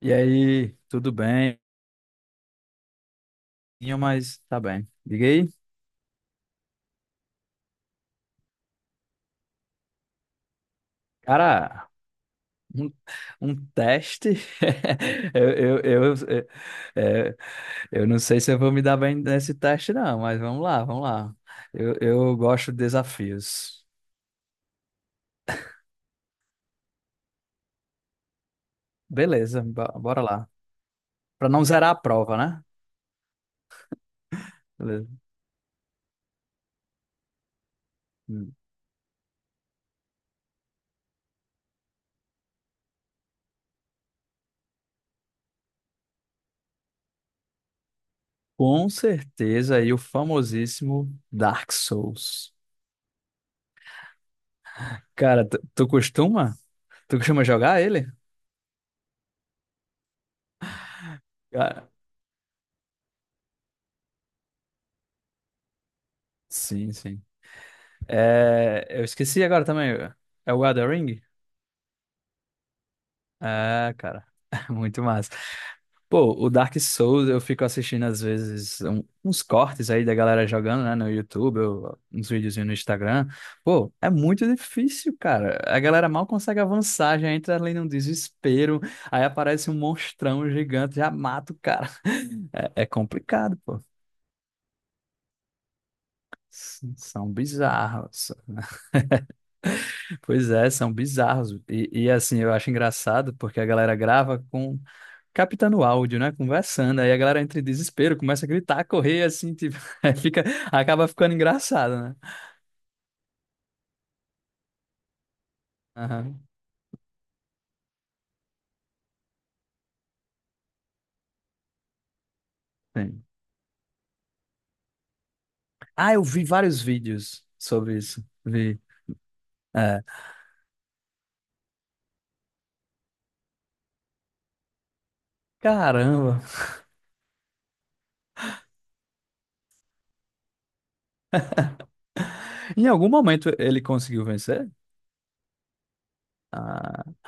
E aí, tudo bem? Tinha, mas tá bem. Diga aí, cara, um, um teste? Eu, eu, eu, é, é, eu não sei se eu vou me dar bem nesse teste, não, mas vamos lá, vamos lá. Eu gosto de desafios. Beleza, bora lá. Para não zerar a prova, né? Beleza. Hum. Com certeza, aí o famosíssimo Dark Souls. Cara, tu costuma? Tu costuma jogar ele? Cara, sim. É, eu esqueci agora também. É o Elden Ring? É, cara. Muito massa. Pô, o Dark Souls eu fico assistindo às vezes uns cortes aí da galera jogando, né, no YouTube, uns videozinhos no Instagram. Pô, é muito difícil, cara. A galera mal consegue avançar, já entra ali num desespero, aí aparece um monstrão gigante, já mata o cara. É, é complicado, pô. São bizarros. Pois é, são bizarros. Assim, eu acho engraçado porque a galera grava com captando áudio, né? Conversando. Aí a galera entra em desespero, começa a gritar, correr, assim, tipo, aí fica, acaba ficando engraçado, né? Aham, sim. Ah, eu vi vários vídeos sobre isso. Vi. É. Caramba. Em algum momento ele conseguiu vencer? Ah,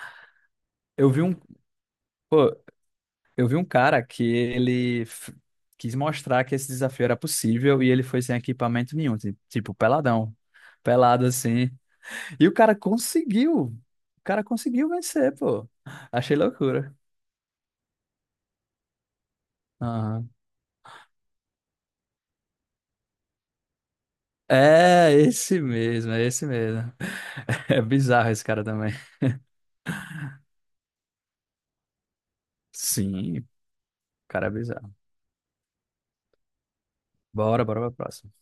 eu vi um. Pô, eu vi um cara que ele quis mostrar que esse desafio era possível e ele foi sem equipamento nenhum, tipo peladão, pelado assim. E o cara conseguiu vencer, pô. Achei loucura. Aham. É esse mesmo, é esse mesmo. É bizarro esse cara também. Sim, o cara é bizarro. Bora, bora pra próxima.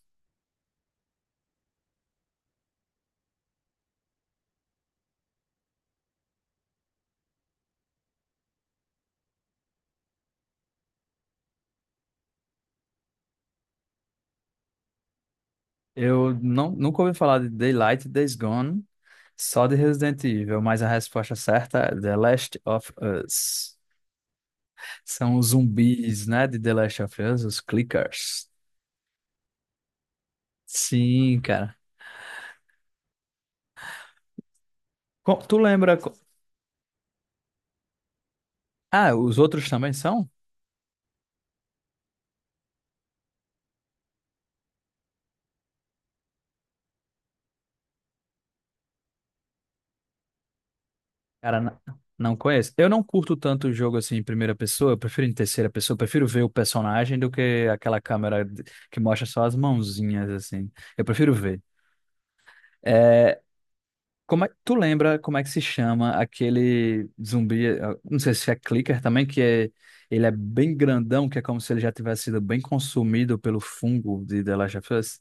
Eu não, nunca ouvi falar de Daylight, Days Gone, só de Resident Evil, mas a resposta certa é The Last of Us. São os zumbis, né, de The Last of Us, os clickers. Sim, cara. Tu lembra? Ah, os outros também são? Cara, não conheço. Eu não curto tanto o jogo assim em primeira pessoa, eu prefiro em terceira pessoa, eu prefiro ver o personagem do que aquela câmera que mostra só as mãozinhas, assim. Eu prefiro ver. É, como é, tu lembra como é que se chama aquele zumbi? Não sei se é clicker também, que é, ele é bem grandão, que é como se ele já tivesse sido bem consumido pelo fungo de The Last of Us.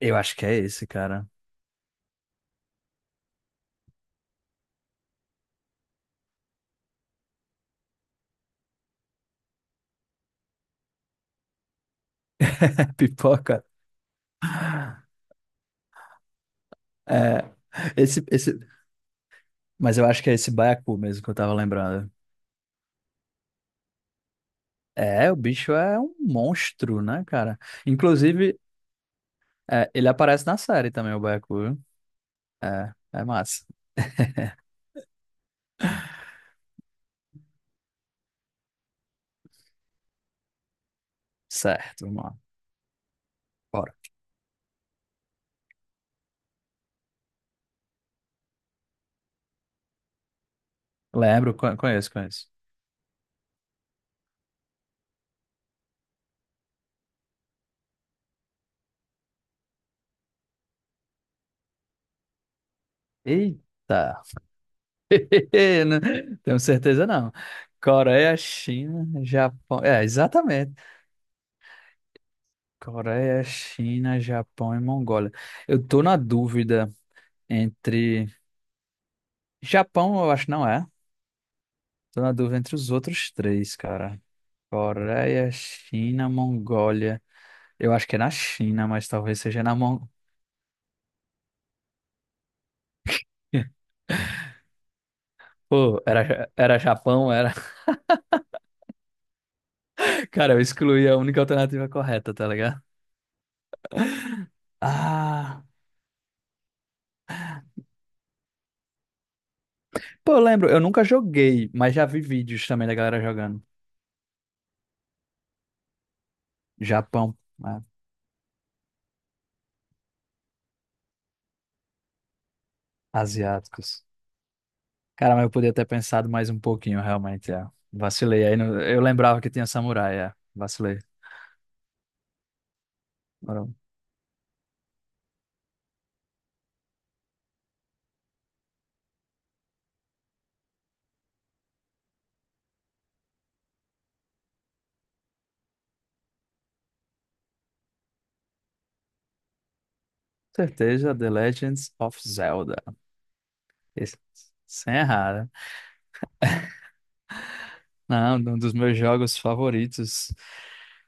Eu acho que é esse, cara. Pipoca. É, esse, mas eu acho que é esse baiacu mesmo que eu tava lembrando. É, o bicho é um monstro, né, cara? Inclusive, é, ele aparece na série também, o baiacu. Viu? É, é massa. Certo, vamos lá. Bora. Lembro, conheço, conheço. Eita. Não tenho certeza não. Coreia, China, Japão. É, exatamente. Coreia, China, Japão e Mongólia. Eu tô na dúvida. Entre. Japão, eu acho que não é. Tô na dúvida entre os outros três, cara. Coreia, China, Mongólia. Eu acho que é na China, mas talvez seja na Mongólia. Pô, era, era Japão, era. Cara, eu excluí a única alternativa correta, tá ligado? Ah. Pô, eu lembro, eu nunca joguei, mas já vi vídeos também da galera jogando. Japão, né? Asiáticos. Cara, mas eu podia ter pensado mais um pouquinho, realmente, é. Vacilei. Aí eu lembrava que tinha samurai, é. Vacilei. Certeza, The Legends of Zelda. Esse- Sem errar, né? Não, um dos meus jogos favoritos.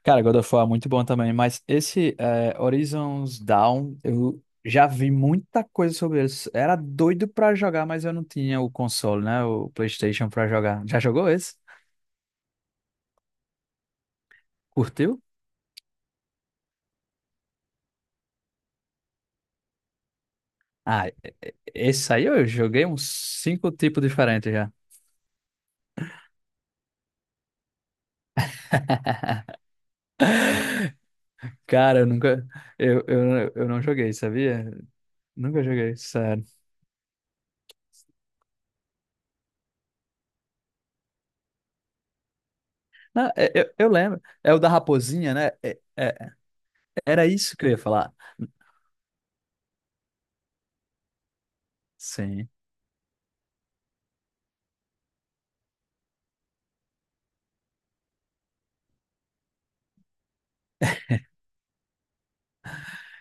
Cara, God of War é muito bom também, mas esse é, Horizons Dawn, eu já vi muita coisa sobre isso. Era doido pra jogar, mas eu não tinha o console, né? O PlayStation pra jogar. Já jogou esse? Curtiu? Ah, e- esse aí eu joguei uns cinco tipos diferentes já. Cara, eu nunca. Eu não joguei, sabia? Nunca joguei, sério. Não, eu lembro. É o da raposinha, né? Era isso que eu ia falar. Sim.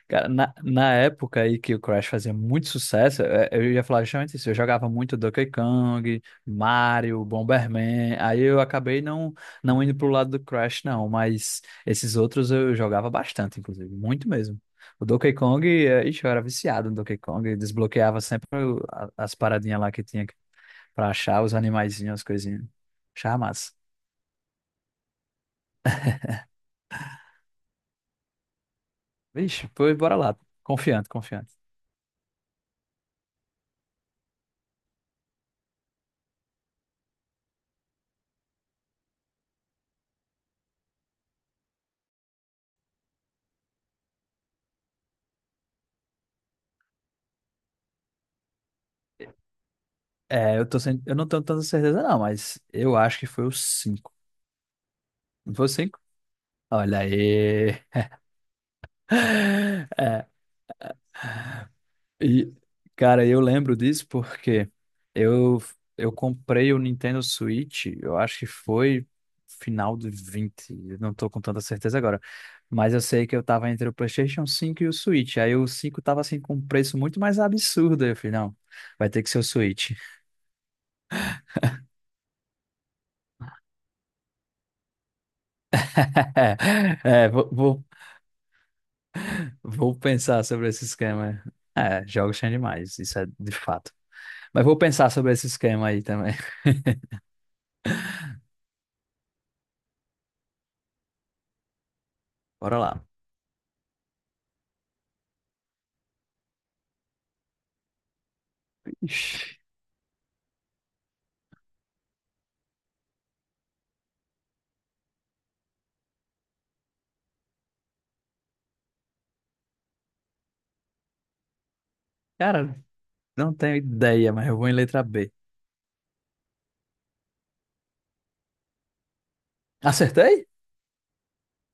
Cara, na época aí que o Crash fazia muito sucesso, é, eu ia falar justamente isso. Eu jogava muito Donkey Kong, Mario, Bomberman. Aí eu acabei não, não indo pro lado do Crash, não. Mas esses outros eu jogava bastante, inclusive. Muito mesmo. O Donkey Kong, é, ixi, eu era viciado no Donkey Kong. Desbloqueava sempre as paradinhas lá que tinha pra achar, os animaizinhos, as coisinhas. Achava massa. Vixe, pois bora lá. Confiante, confiante. É, eu tô sem... eu não tenho tanta certeza não, mas eu acho que foi o cinco. Não foi o 5? Olha aí. É, e, cara, eu lembro disso porque eu, eu comprei o Nintendo Switch, eu acho que foi final de 20. Eu não tô com tanta certeza agora, mas eu sei que eu tava entre o PlayStation 5 e o Switch, aí o 5 tava assim com um preço muito mais absurdo, aí eu falei, não, vai ter que ser o Switch. É, vou pensar sobre esse esquema. É, jogos são demais, isso é de fato. Mas vou pensar sobre esse esquema aí também. Bora lá. Ixi, cara, não tenho ideia, mas eu vou em letra B. Acertei?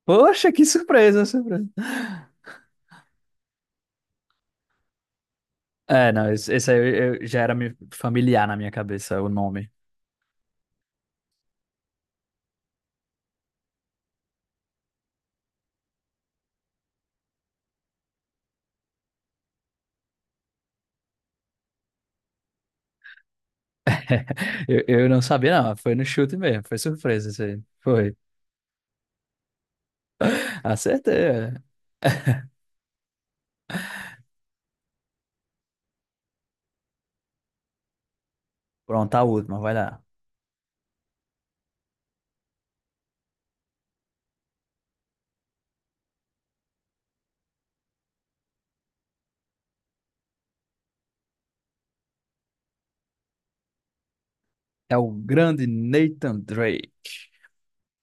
Poxa, que surpresa, surpresa. É, não, esse esse aí eu- já era familiar na minha cabeça, o nome. Eu não sabia, não. Foi no chute mesmo. Foi surpresa isso aí. Foi. Acertei. É. Pronto, a última, vai lá. É o grande Nathan Drake.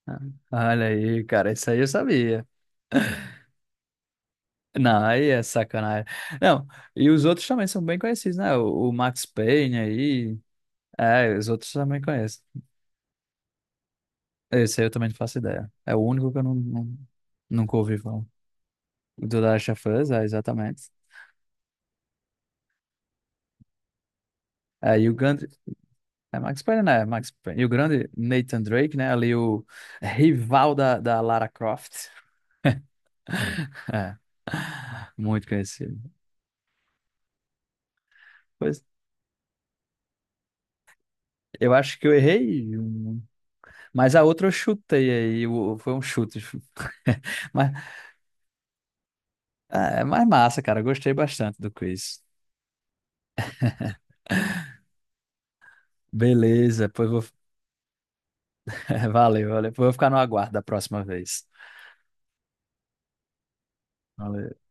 Ah, olha aí, cara, isso aí eu sabia. Não, aí é sacanagem. Não, e os outros também são bem conhecidos, né? O Max Payne aí. É, os outros também conheço. Esse aí eu também não faço ideia. É o único que eu não, não- nunca ouvi falar. O do Last of Us, é, exatamente. É, e o grande. É Max Payne, né? Max Payne. E o grande Nathan Drake, né? Ali o rival da Lara Croft. É. Muito conhecido. Pois, eu acho que eu errei. Um. Mas a outra eu chutei aí. Foi um chute. Mas é mais massa, cara. Eu gostei bastante do quiz. Beleza, pois vou. Valeu, valeu. Pois eu vou ficar no aguardo da próxima vez. Valeu.